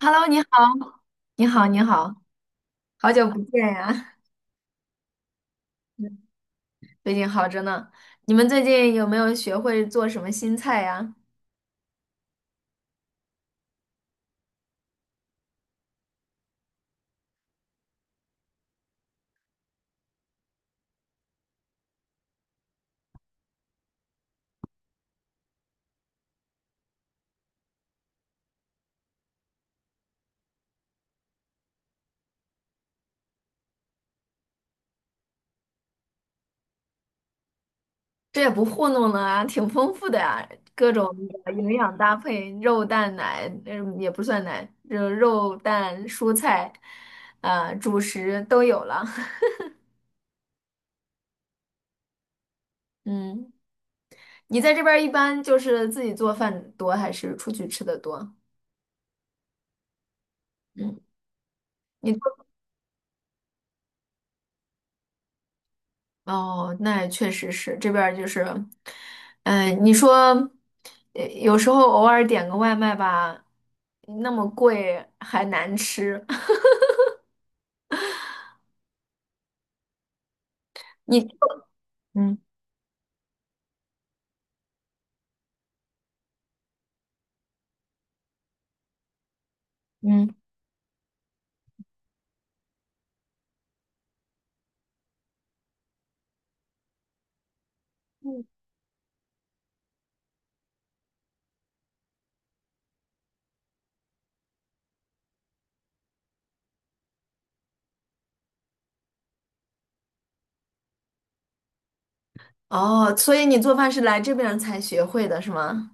Hello，你好，你好，你好，好久不见呀！嗯最近好着呢。你们最近有没有学会做什么新菜呀？这也不糊弄了啊，挺丰富的呀，各种的营养搭配，肉蛋奶，也不算奶，就肉蛋蔬菜，主食都有了。嗯，你在这边儿一般就是自己做饭多，还是出去吃的多？嗯。你。哦，那也确实是这边儿就是，你说，有时候偶尔点个外卖吧，那么贵还难吃。你嗯嗯。哦，所以你做饭是来这边儿才学会的是吗？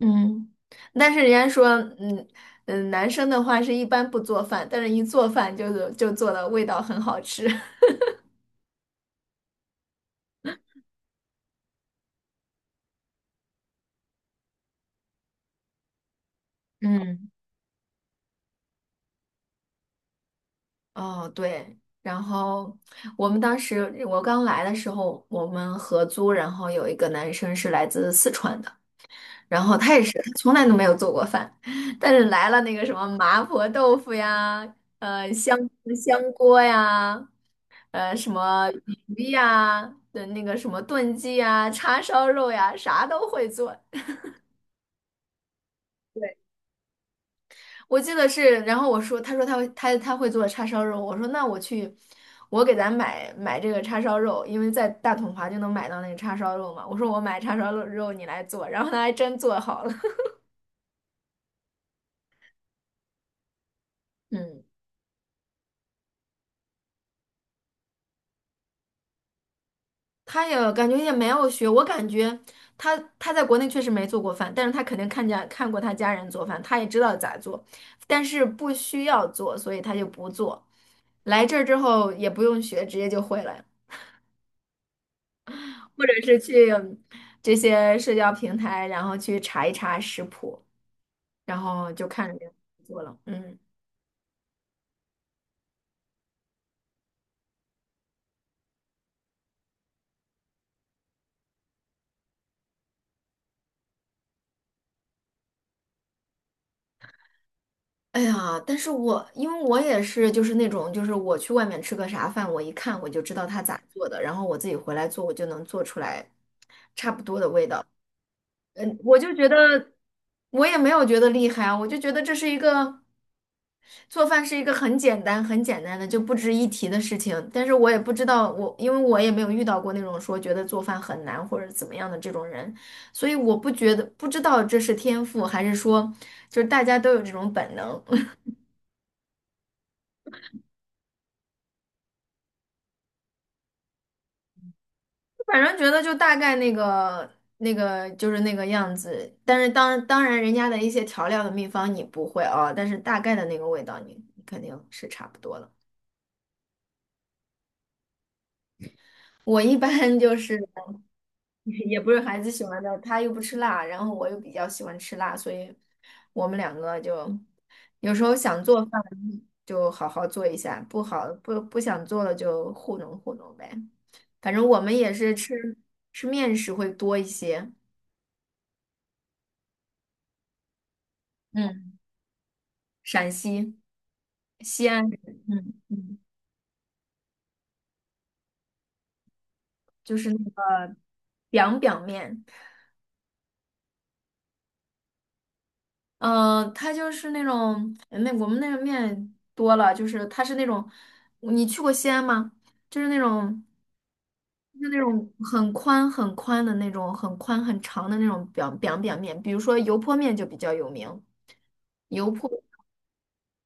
嗯，但是人家说，嗯嗯，男生的话是一般不做饭，但是一做饭就是就做的味道很好吃。嗯。哦，对，然后我们当时我刚来的时候，我们合租，然后有一个男生是来自四川的，然后他也是，他从来都没有做过饭，但是来了那个什么麻婆豆腐呀，呃，香香锅呀，什么鱼呀，的那个什么炖鸡呀、叉烧肉呀，啥都会做。对。我记得是，然后我说，他说他会做叉烧肉，我说那我去，我给咱买买这个叉烧肉，因为在大统华就能买到那个叉烧肉嘛。我说我买叉烧肉你来做，然后他还真做好了。嗯，他也感觉也没有学，我感觉他在国内确实没做过饭，但是他肯定看过他家人做饭，他也知道咋做，但是不需要做，所以他就不做。来这儿之后也不用学，直接就会了。或者是去这些社交平台，然后去查一查食谱，然后就看着别人家做了。嗯。哎呀，但是我因为我也是就是那种就是我去外面吃个啥饭，我一看我就知道他咋做的，然后我自己回来做，我就能做出来差不多的味道。嗯，我就觉得我也没有觉得厉害啊，我就觉得这是一个做饭是一个很简单、很简单的就不值一提的事情。但是我也不知道我，因为我也没有遇到过那种说觉得做饭很难或者怎么样的这种人，所以我不觉得不知道这是天赋还是说就是大家都有这种本能。反正觉得就大概那个那个就是那个样子，但是当然人家的一些调料的秘方你不会啊，但是大概的那个味道你你肯定是差不多的。我一般就是 也不是孩子喜欢的，他又不吃辣，然后我又比较喜欢吃辣，所以我们两个就有时候想做饭就好好做一下，不好不不想做了就糊弄糊弄呗。反正我们也是吃面食会多一些。嗯，陕西西安人。嗯嗯，就是那个 b i 面。它就是那种那我们那个面多了，就是它是那种，你去过西安吗？就是那种，就是那种很宽很宽的那种，很宽很长的那种表面，比如说油泼面就比较有名。油泼。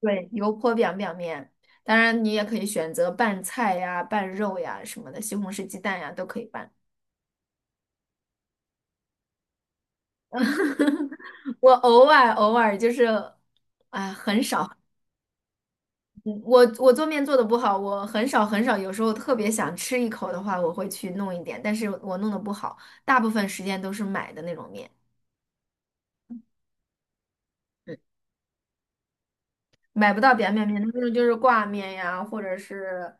对，油泼表面，当然你也可以选择拌菜呀、拌肉呀什么的，西红柿鸡蛋呀都可以拌。我偶尔就是，很少。我做面做的不好，我很少很少，有时候特别想吃一口的话，我会去弄一点，但是我弄的不好，大部分时间都是买的那种面。嗯，买不到扁面面，那种就是挂面呀，或者是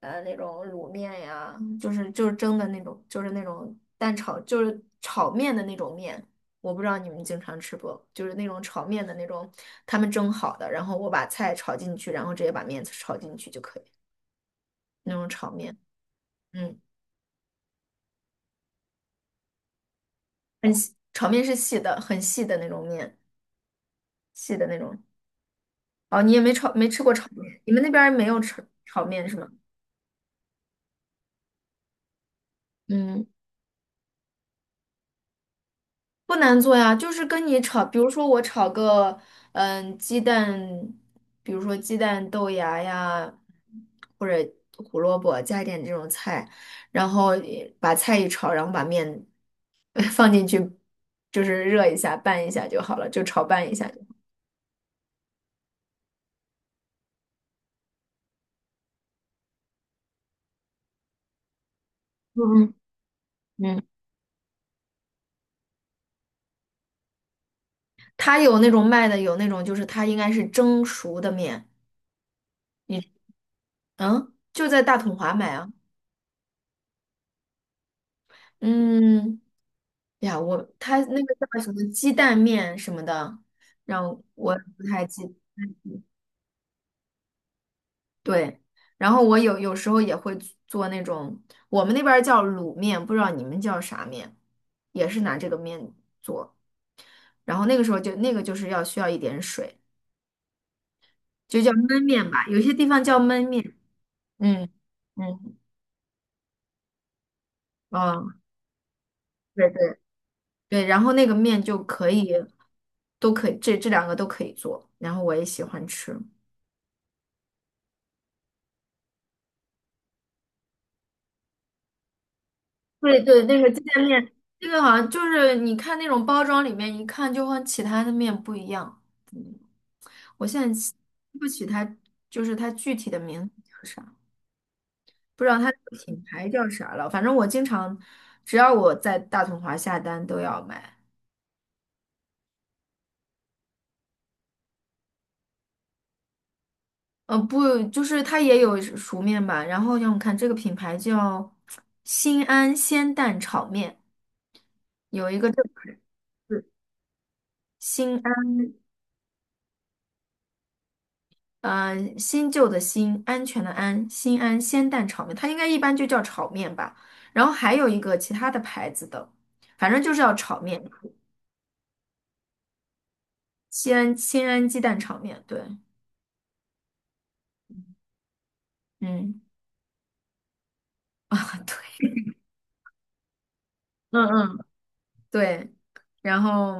那种卤面呀，就是就是蒸的那种，就是那种蛋炒，就是炒面的那种面。我不知道你们经常吃不，就是那种炒面的那种，他们蒸好的，然后我把菜炒进去，然后直接把面炒进去就可以，那种炒面。嗯。很细，炒面是细的，很细的那种面，细的那种。哦，你也没炒，没吃过炒面，你们那边儿没有炒面是吗？嗯，不难做呀，就是跟你炒，比如说我炒个，鸡蛋，比如说鸡蛋豆芽呀，或者胡萝卜，加一点这种菜，然后把菜一炒，然后把面 放进去，就是热一下，拌一下就好了，就炒拌一下就好。嗯嗯，它有那种卖的，有那种就是它应该是蒸熟的面。你嗯，就在大统华买啊。嗯，哎呀，我它那个叫什么鸡蛋面什么的，让我不太记。嗯，对，然后我有时候也会做那种，我们那边儿叫卤面，不知道你们叫啥面，也是拿这个面做。然后那个时候就那个就是要需要一点水，就叫焖面吧，有些地方叫焖面。嗯嗯，啊，对对。对，然后那个面就可以，都可以，这这两个都可以做，然后我也喜欢吃。对对，那个鸡蛋面，这个好像就是你看那种包装里面，一看就和其他的面不一样。嗯，我现在记不起它，就是它具体的名字叫啥，不知道它的品牌叫啥了。反正我经常，只要我在大统华下单都要买。不，就是它也有熟面吧。然后让我看这个品牌叫新安鲜蛋炒面。有一个这个人是新安，新旧的新，安全的安，新安鲜蛋炒面，它应该一般就叫炒面吧。然后还有一个其他的牌子的，反正就是要炒面，西安新安鸡蛋炒面，对。嗯。啊，对。嗯嗯，对。然后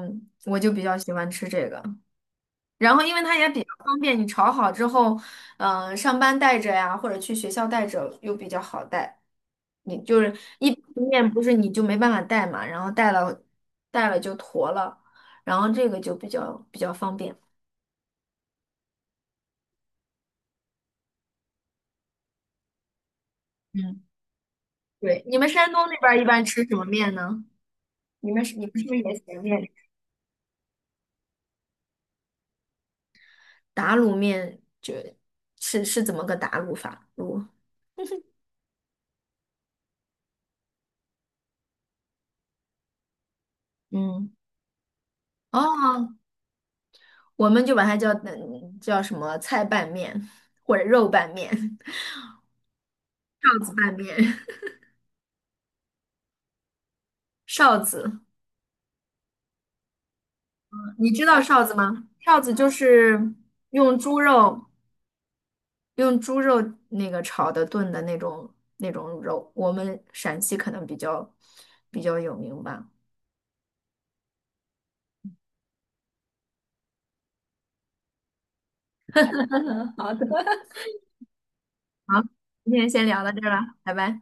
我就比较喜欢吃这个。然后，因为它也比较方便，你炒好之后，上班带着呀，或者去学校带着又比较好带。你就是一般面不是你就没办法带嘛，然后带了就坨了，然后这个就比较方便。嗯，对，你们山东那边儿一般吃什么面呢？你们是不是也喜欢面？打卤面就是怎么个打卤法？卤。嗯。哦，我们就把它叫叫什么菜拌面或者肉拌面。臊子拌面。臊子。你知道臊子吗？臊子就是用猪肉，用猪肉那个炒的炖的那种肉，我们陕西可能比较有名吧。好的，好，今天先聊到这儿了，拜拜。